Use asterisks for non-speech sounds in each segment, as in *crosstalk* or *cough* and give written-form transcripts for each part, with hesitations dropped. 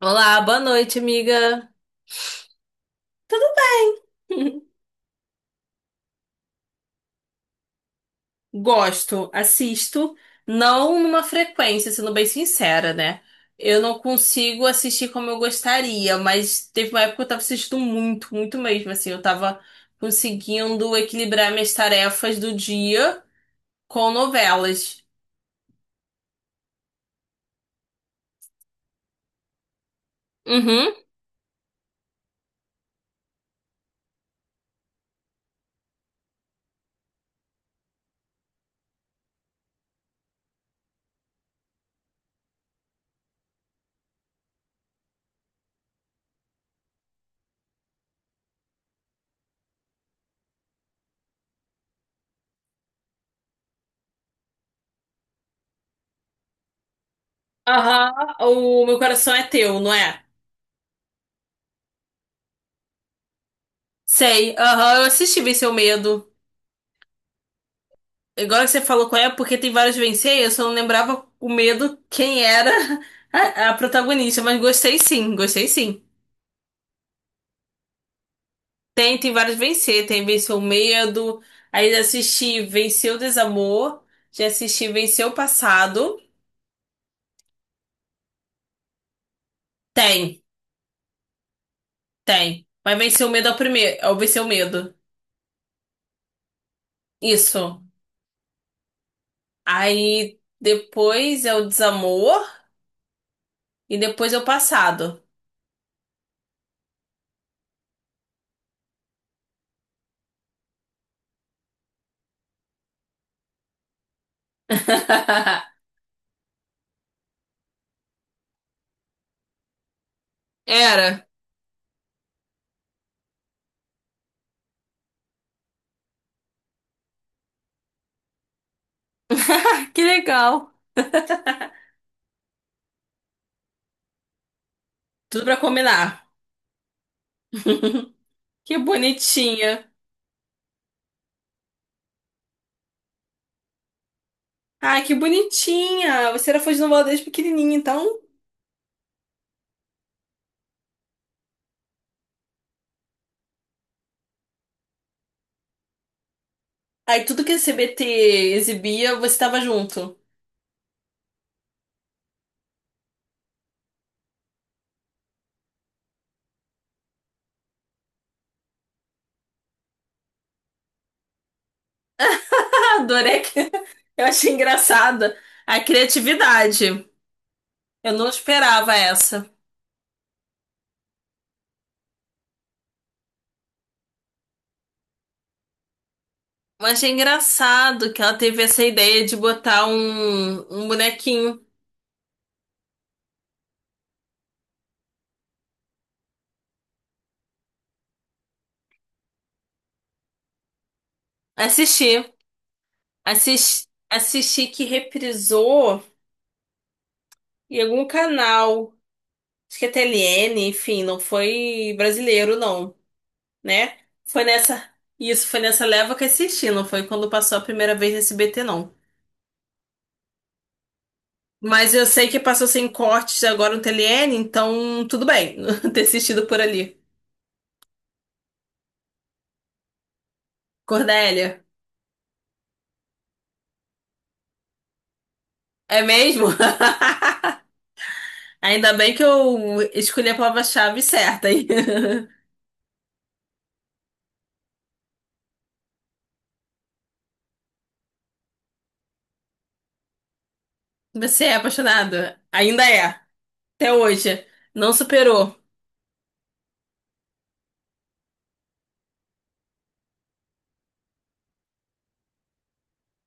Olá, boa noite, amiga. *laughs* Gosto, assisto, não numa frequência, sendo bem sincera, né? Eu não consigo assistir como eu gostaria, mas teve uma época que eu tava assistindo muito, muito mesmo, assim, eu tava conseguindo equilibrar minhas tarefas do dia com novelas. Uhum. Aham, o meu coração é teu, não é? Sei, aham, eu assisti Vencer o Medo. Agora que você falou qual é, porque tem vários vencer, eu só não lembrava o medo quem era, *laughs* a protagonista, mas gostei sim, gostei sim. Tem, tem vários vencer, tem Venceu o Medo, aí já assisti Venceu o Desamor, já assisti Venceu o Passado. Tem, tem. Mas Venceu o Medo é o primeiro, é o Venceu o Medo. Isso. Aí depois é o Desamor e depois é o Passado. *laughs* Era. Ah, que legal. Tudo pra combinar. Que bonitinha. Ai, que bonitinha! Você era fã de novela desde pequenininha, então. Aí tudo que a CBT exibia, você tava junto. *laughs* Ah, adorei. *laughs* Eu achei engraçada a criatividade. Eu não esperava essa. Mas achei engraçado que ela teve essa ideia de botar um bonequinho. Assisti. Assisti, assisti que reprisou em algum canal. Acho que é TLN, enfim, não foi brasileiro, não, né? Foi nessa. Isso, foi nessa leva que assisti, não foi quando passou a primeira vez nesse BT não. Mas eu sei que passou sem cortes agora no TLN, então tudo bem *laughs* ter assistido por ali. Cordélia, é mesmo? *laughs* Ainda bem que eu escolhi a palavra-chave certa aí. *laughs* Você é apaixonado? Ainda é. Até hoje. Não superou.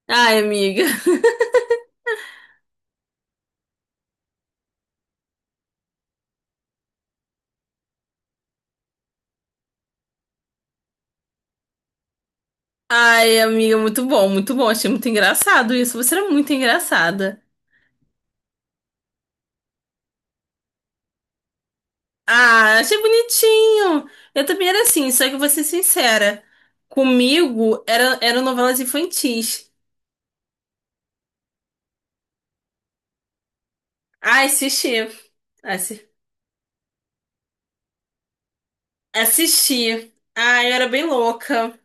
Ai, amiga. Ai, amiga, muito bom, muito bom. Achei muito engraçado isso. Você era muito engraçada. Ah, achei bonitinho. Eu também era assim, só que eu vou ser sincera. Comigo era, eram novelas infantis. Ah, assisti. Assi- Assisti. Ah, eu era bem louca.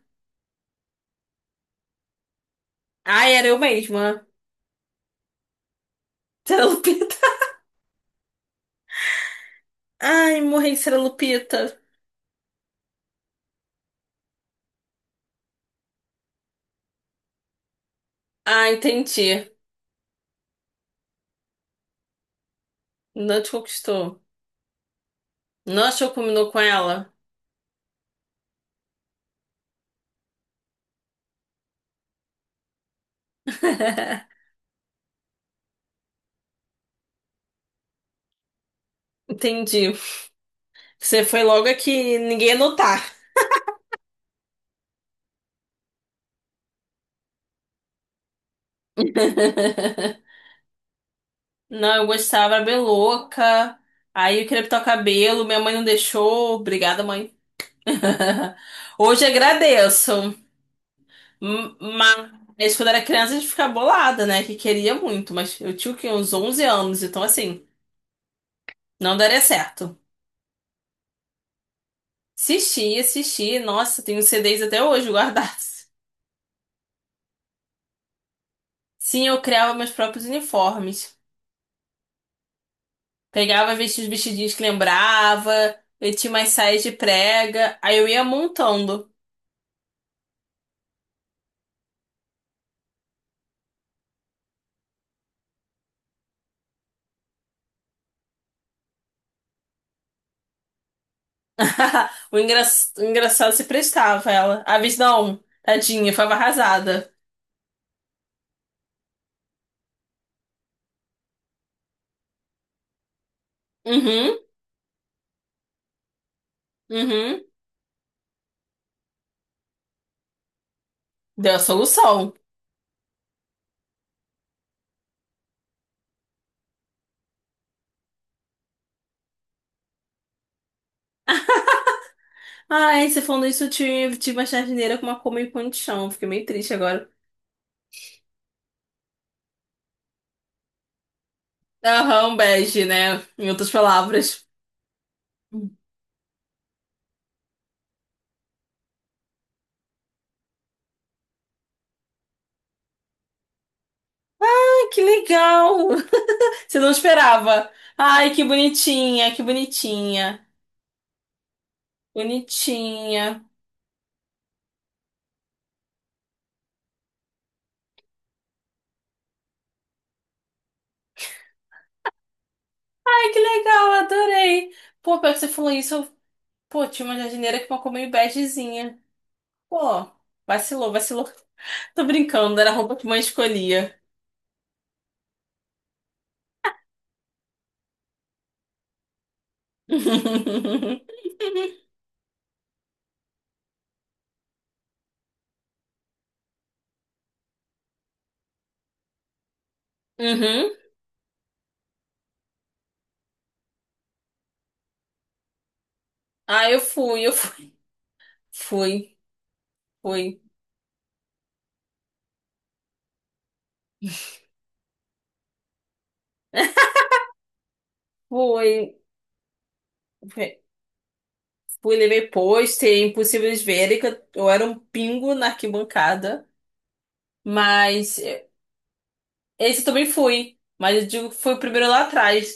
Ah, era eu mesma. Era Lupita. *laughs* Ai, morri, será Lupita. Ah, entendi. Não te conquistou. Não achou que combinou com ela? *laughs* Entendi. Você foi logo aqui, ninguém ia notar. *laughs* Não, eu gostava, era bem louca. Aí eu queria pintar o cabelo, minha mãe não deixou. Obrigada, mãe. *laughs* Hoje agradeço. Mas quando era criança a gente ficava bolada, né? Que queria muito, mas eu tinha o quê? Uns 11 anos, então assim, não daria certo. Assisti, assisti. Nossa, tenho CDs até hoje guardados. *laughs* Sim, eu criava meus próprios uniformes. Pegava, vestia os vestidinhos que lembrava, eu tinha umas saias de prega, aí eu ia montando. *laughs* O engra- o engraçado se prestava ela. A Viz não, tadinha, foi arrasada. Uhum, uhum. Deu a solução. Ai, você falando isso, eu tive, tive uma jardineira com uma coma em pão de chão. Fiquei meio triste agora. Aham, um bege, né? Em outras palavras. Ai, que legal! Você não esperava. Ai, que bonitinha, que bonitinha. Bonitinha. Ai, que legal, adorei. Pô, pior que você falou isso, eu... Pô, tinha uma jardineira com uma coma meio begezinha. Pô, vacilou, vacilou. Tô brincando, era a roupa que mãe escolhia. *laughs* Uhum. Ah, eu fui, eu fui. Fui, fui. Fui, Fe- fui, levei pôster, impossível de verem que eu era um pingo na arquibancada. Mas eh, esse eu também fui. Mas eu digo que foi o primeiro lá atrás.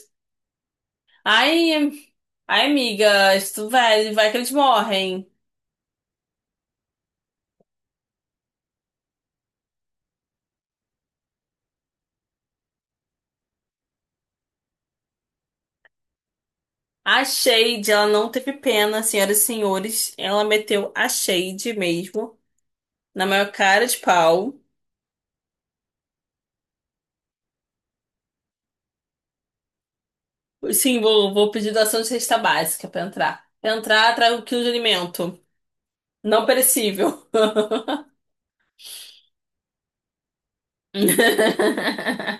Ai, em- ai, amiga, isso vai, vai que eles morrem. A Shade, ela não teve pena, senhoras e senhores. Ela meteu a Shade mesmo. Na maior cara de pau. Sim, vou, vou pedir doação de cesta básica pra entrar. Pra entrar, trago um quilo de alimento. Não perecível. *laughs*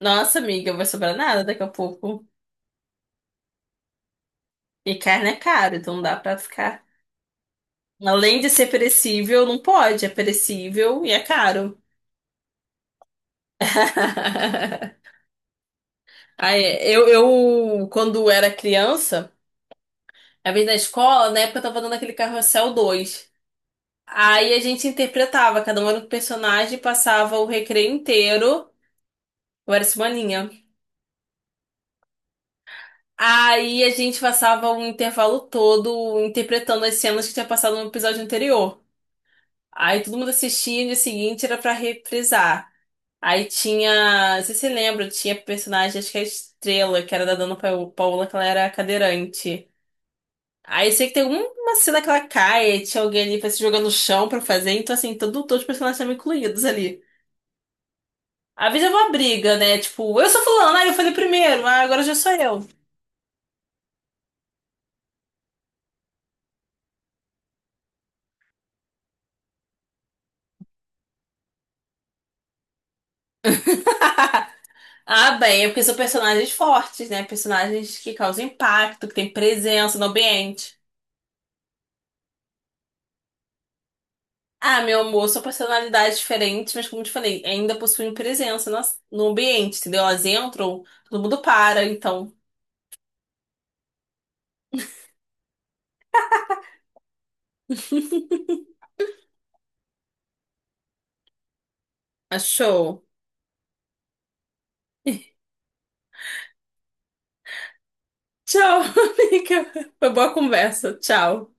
Nossa, amiga, vai sobrar nada daqui a pouco. E carne é caro, então não dá pra ficar. Além de ser perecível, não pode. É perecível e é caro. *laughs* Aí, eu quando era criança, a vez na escola, na época eu tava dando aquele carrossel 2. Aí a gente interpretava, cada um era um personagem, passava o recreio inteiro. Eu era semaninha. Aí a gente passava um intervalo todo interpretando as cenas que tinha passado no episódio anterior. Aí todo mundo assistia e no dia seguinte era pra reprisar. Aí tinha, não sei se você lembra, tinha personagem, acho que é a Estrela, que era da Paola, que ela era cadeirante. Aí eu sei que tem um, uma cena que ela cai, aí tinha alguém ali pra se jogar no chão pra fazer, então assim, todo, todos os personagens estavam incluídos ali. Às vezes é uma briga, né? Tipo, eu sou fulano, aí eu falei primeiro, ah, agora já sou eu. Ah, bem, é porque são personagens fortes, né? Personagens que causam impacto, que têm presença no ambiente. Ah, meu amor, são personalidades diferentes, mas como eu te falei, ainda possuem presença no ambiente, entendeu? Elas entram, todo mundo para, então. Achou. Tchau, *laughs* amiga. Foi boa conversa. Tchau.